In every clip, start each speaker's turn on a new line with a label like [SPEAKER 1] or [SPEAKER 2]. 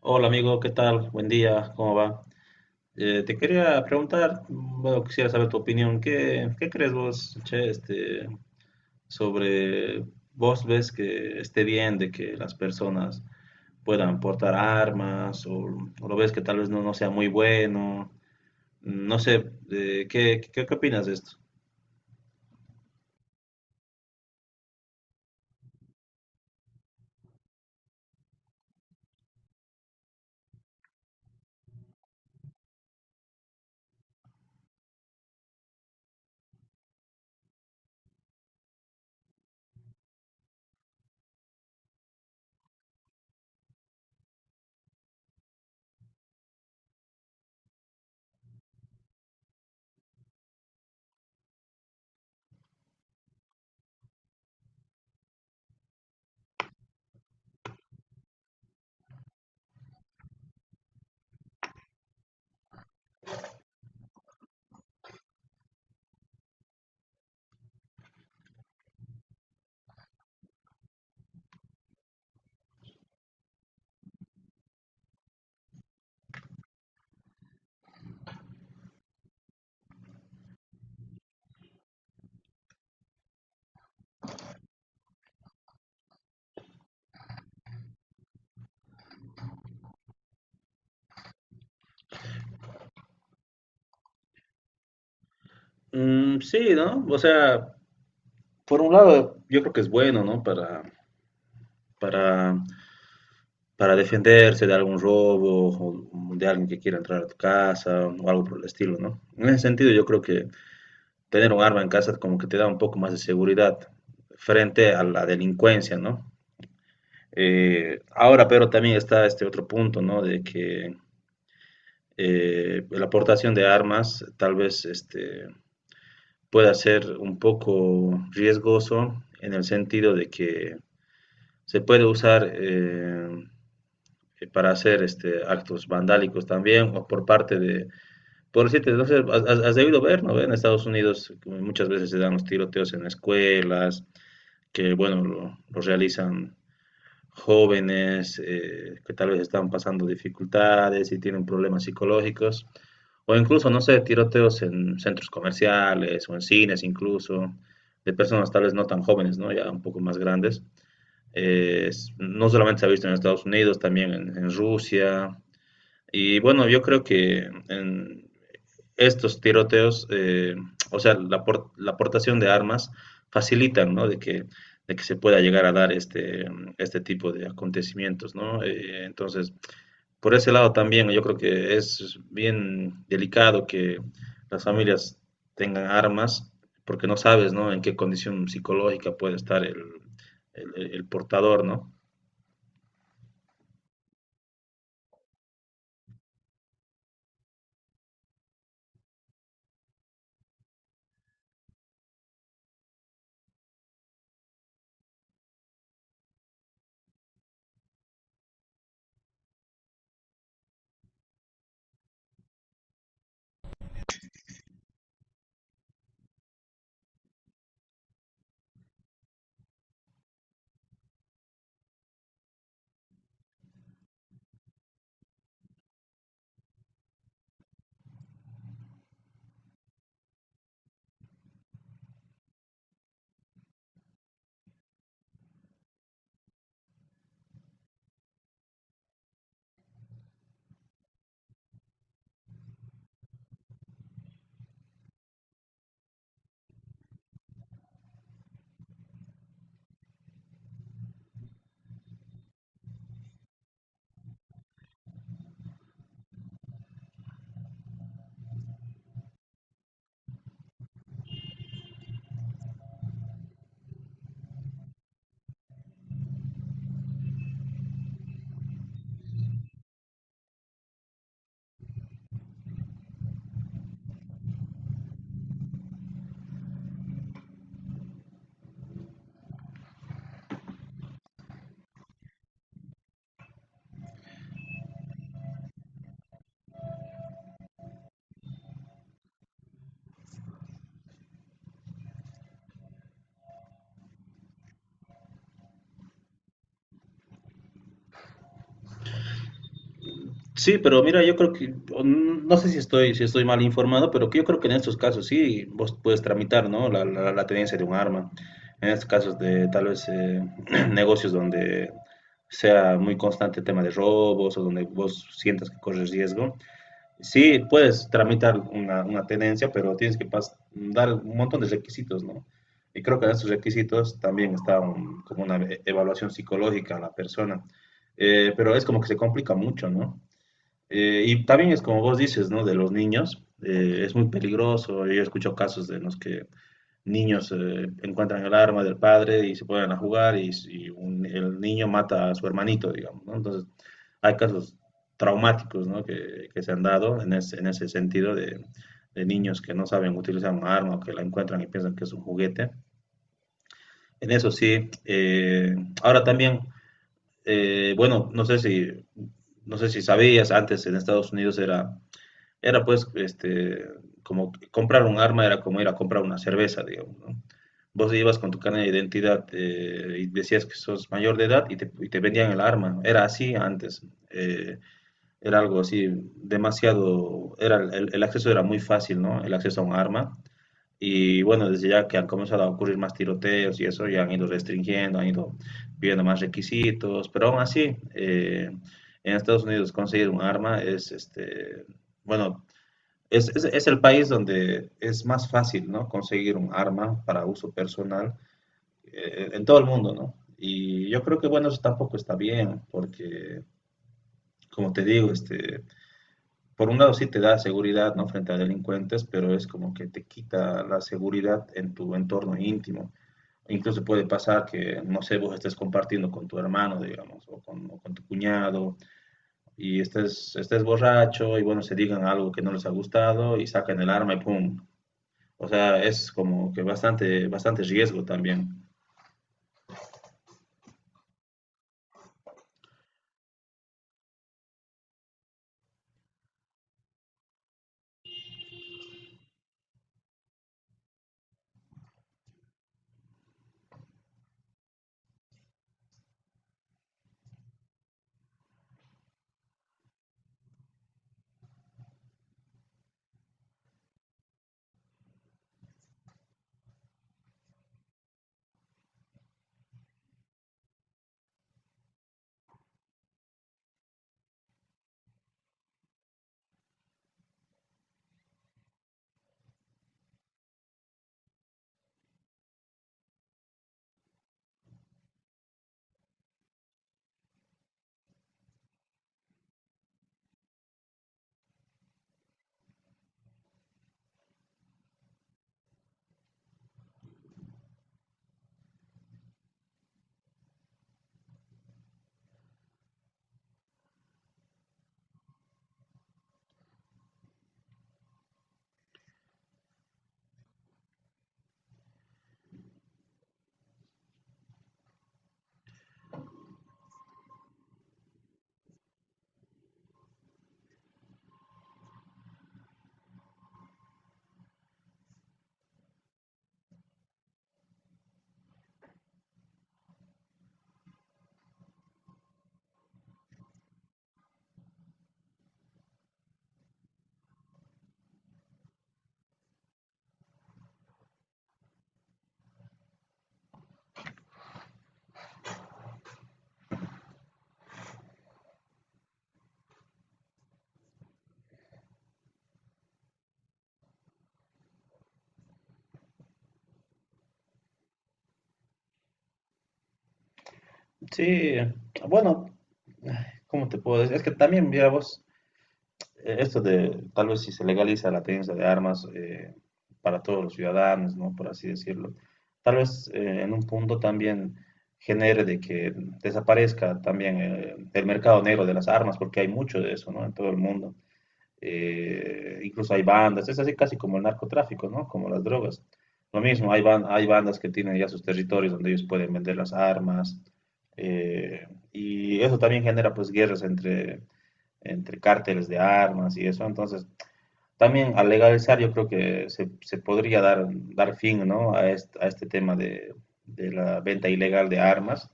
[SPEAKER 1] Hola amigo, ¿qué tal? Buen día, ¿cómo va? Te quería preguntar, bueno, quisiera saber tu opinión. ¿Qué crees vos, che, sobre vos ves que esté bien de que las personas puedan portar armas o lo ves que tal vez no sea muy bueno? No sé, ¿qué opinas de esto? Mm, sí, ¿no? O sea, por un lado, yo creo que es bueno, ¿no? Para para defenderse de algún robo o de alguien que quiera entrar a tu casa o algo por el estilo, ¿no? En ese sentido, yo creo que tener un arma en casa como que te da un poco más de seguridad frente a la delincuencia, ¿no? Ahora, pero también está este otro punto, ¿no? De que la aportación de armas tal vez pueda ser un poco riesgoso en el sentido de que se puede usar para hacer este, actos vandálicos también, o por parte de, por decirte, no sé, has debido ver, ¿no? En Estados Unidos muchas veces se dan los tiroteos en escuelas, que bueno, lo realizan jóvenes que tal vez están pasando dificultades y tienen problemas psicológicos, o incluso, no sé, tiroteos en centros comerciales o en cines incluso, de personas tal vez no tan jóvenes, ¿no? Ya un poco más grandes. No solamente se ha visto en Estados Unidos, también en Rusia, y bueno, yo creo que en estos tiroteos, o sea, la aportación de armas facilitan, ¿no? De que se pueda llegar a dar este tipo de acontecimientos, ¿no? Entonces, por ese lado también yo creo que es bien delicado que las familias tengan armas porque no sabes, ¿no? En qué condición psicológica puede estar el portador, ¿no? Sí, pero mira, yo creo que, o no sé si estoy mal informado, pero que yo creo que en estos casos sí, vos puedes tramitar, ¿no? La tenencia de un arma. En estos casos de tal vez negocios donde sea muy constante el tema de robos o donde vos sientas que corres riesgo. Sí, puedes tramitar una tenencia, pero tienes que dar un montón de requisitos, ¿no? Y creo que en estos requisitos también está como una evaluación psicológica a la persona. Pero es como que se complica mucho, ¿no? Y también es como vos dices, ¿no? De los niños, es muy peligroso. Yo escucho casos de los que niños encuentran el arma del padre y se ponen a jugar y el niño mata a su hermanito, digamos, ¿no? Entonces, hay casos traumáticos, ¿no? Que se han dado en ese sentido de niños que no saben utilizar un arma o que la encuentran y piensan que es un juguete. En eso sí, ahora también, bueno, no sé si, no sé si sabías, antes en Estados Unidos era pues, este, como comprar un arma era como ir a comprar una cerveza, digamos, ¿no? Vos ibas con tu carnet de identidad y decías que sos mayor de edad y y te vendían el arma, ¿no? Era así antes. Era algo así demasiado, era el acceso era muy fácil, ¿no? El acceso a un arma. Y bueno, desde ya que han comenzado a ocurrir más tiroteos y eso, ya han ido restringiendo, han ido pidiendo más requisitos, pero aún así, en Estados Unidos conseguir un arma es, este, bueno, es el país donde es más fácil, ¿no? Conseguir un arma para uso personal en todo el mundo, ¿no? Y yo creo que, bueno, eso tampoco está bien, porque, como te digo, este, por un lado sí te da seguridad, ¿no? Frente a delincuentes, pero es como que te quita la seguridad en tu entorno íntimo. Incluso puede pasar que, no sé, vos estés compartiendo con tu hermano, digamos, o con tu cuñado, y estés borracho, y bueno, se digan algo que no les ha gustado, y sacan el arma y pum, o sea, es como que bastante riesgo también. Sí, bueno, ay, ¿cómo te puedo decir? Es que también, mira vos, esto de tal vez si se legaliza la tenencia de armas para todos los ciudadanos, ¿no? Por así decirlo, tal vez en un punto también genere de que desaparezca también el mercado negro de las armas, porque hay mucho de eso, ¿no? En todo el mundo. Incluso hay bandas, es así casi como el narcotráfico, ¿no? Como las drogas. Lo mismo, hay bandas que tienen ya sus territorios donde ellos pueden vender las armas, y eso también genera pues guerras entre, entre cárteles de armas y eso. Entonces, también al legalizar yo creo que se podría dar fin, ¿no? A, este, a este tema de la venta ilegal de armas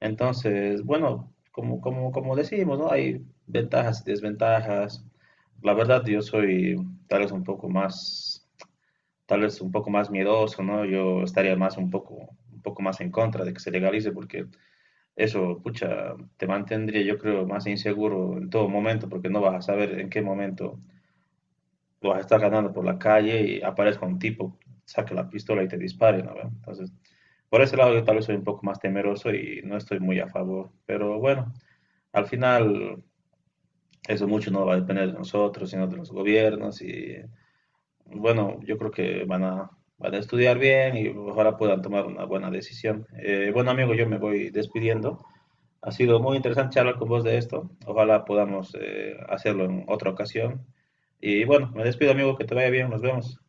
[SPEAKER 1] entonces, bueno, como decimos, ¿no? Hay ventajas y desventajas. La verdad, yo soy tal vez un poco más, tal vez un poco más miedoso, ¿no? Yo estaría más un poco más en contra de que se legalice porque eso, pucha, te mantendría, yo creo, más inseguro en todo momento porque no vas a saber en qué momento vas a estar ganando por la calle y aparezca un tipo, saque la pistola y te dispare, ¿no? Entonces, por ese lado yo tal vez soy un poco más temeroso y no estoy muy a favor, pero bueno. Al final, eso mucho no va a depender de nosotros, sino de los gobiernos. Y bueno, yo creo que van a estudiar bien y ojalá puedan tomar una buena decisión. Bueno, amigo, yo me voy despidiendo. Ha sido muy interesante charlar con vos de esto. Ojalá podamos hacerlo en otra ocasión. Y bueno, me despido, amigo, que te vaya bien. Nos vemos.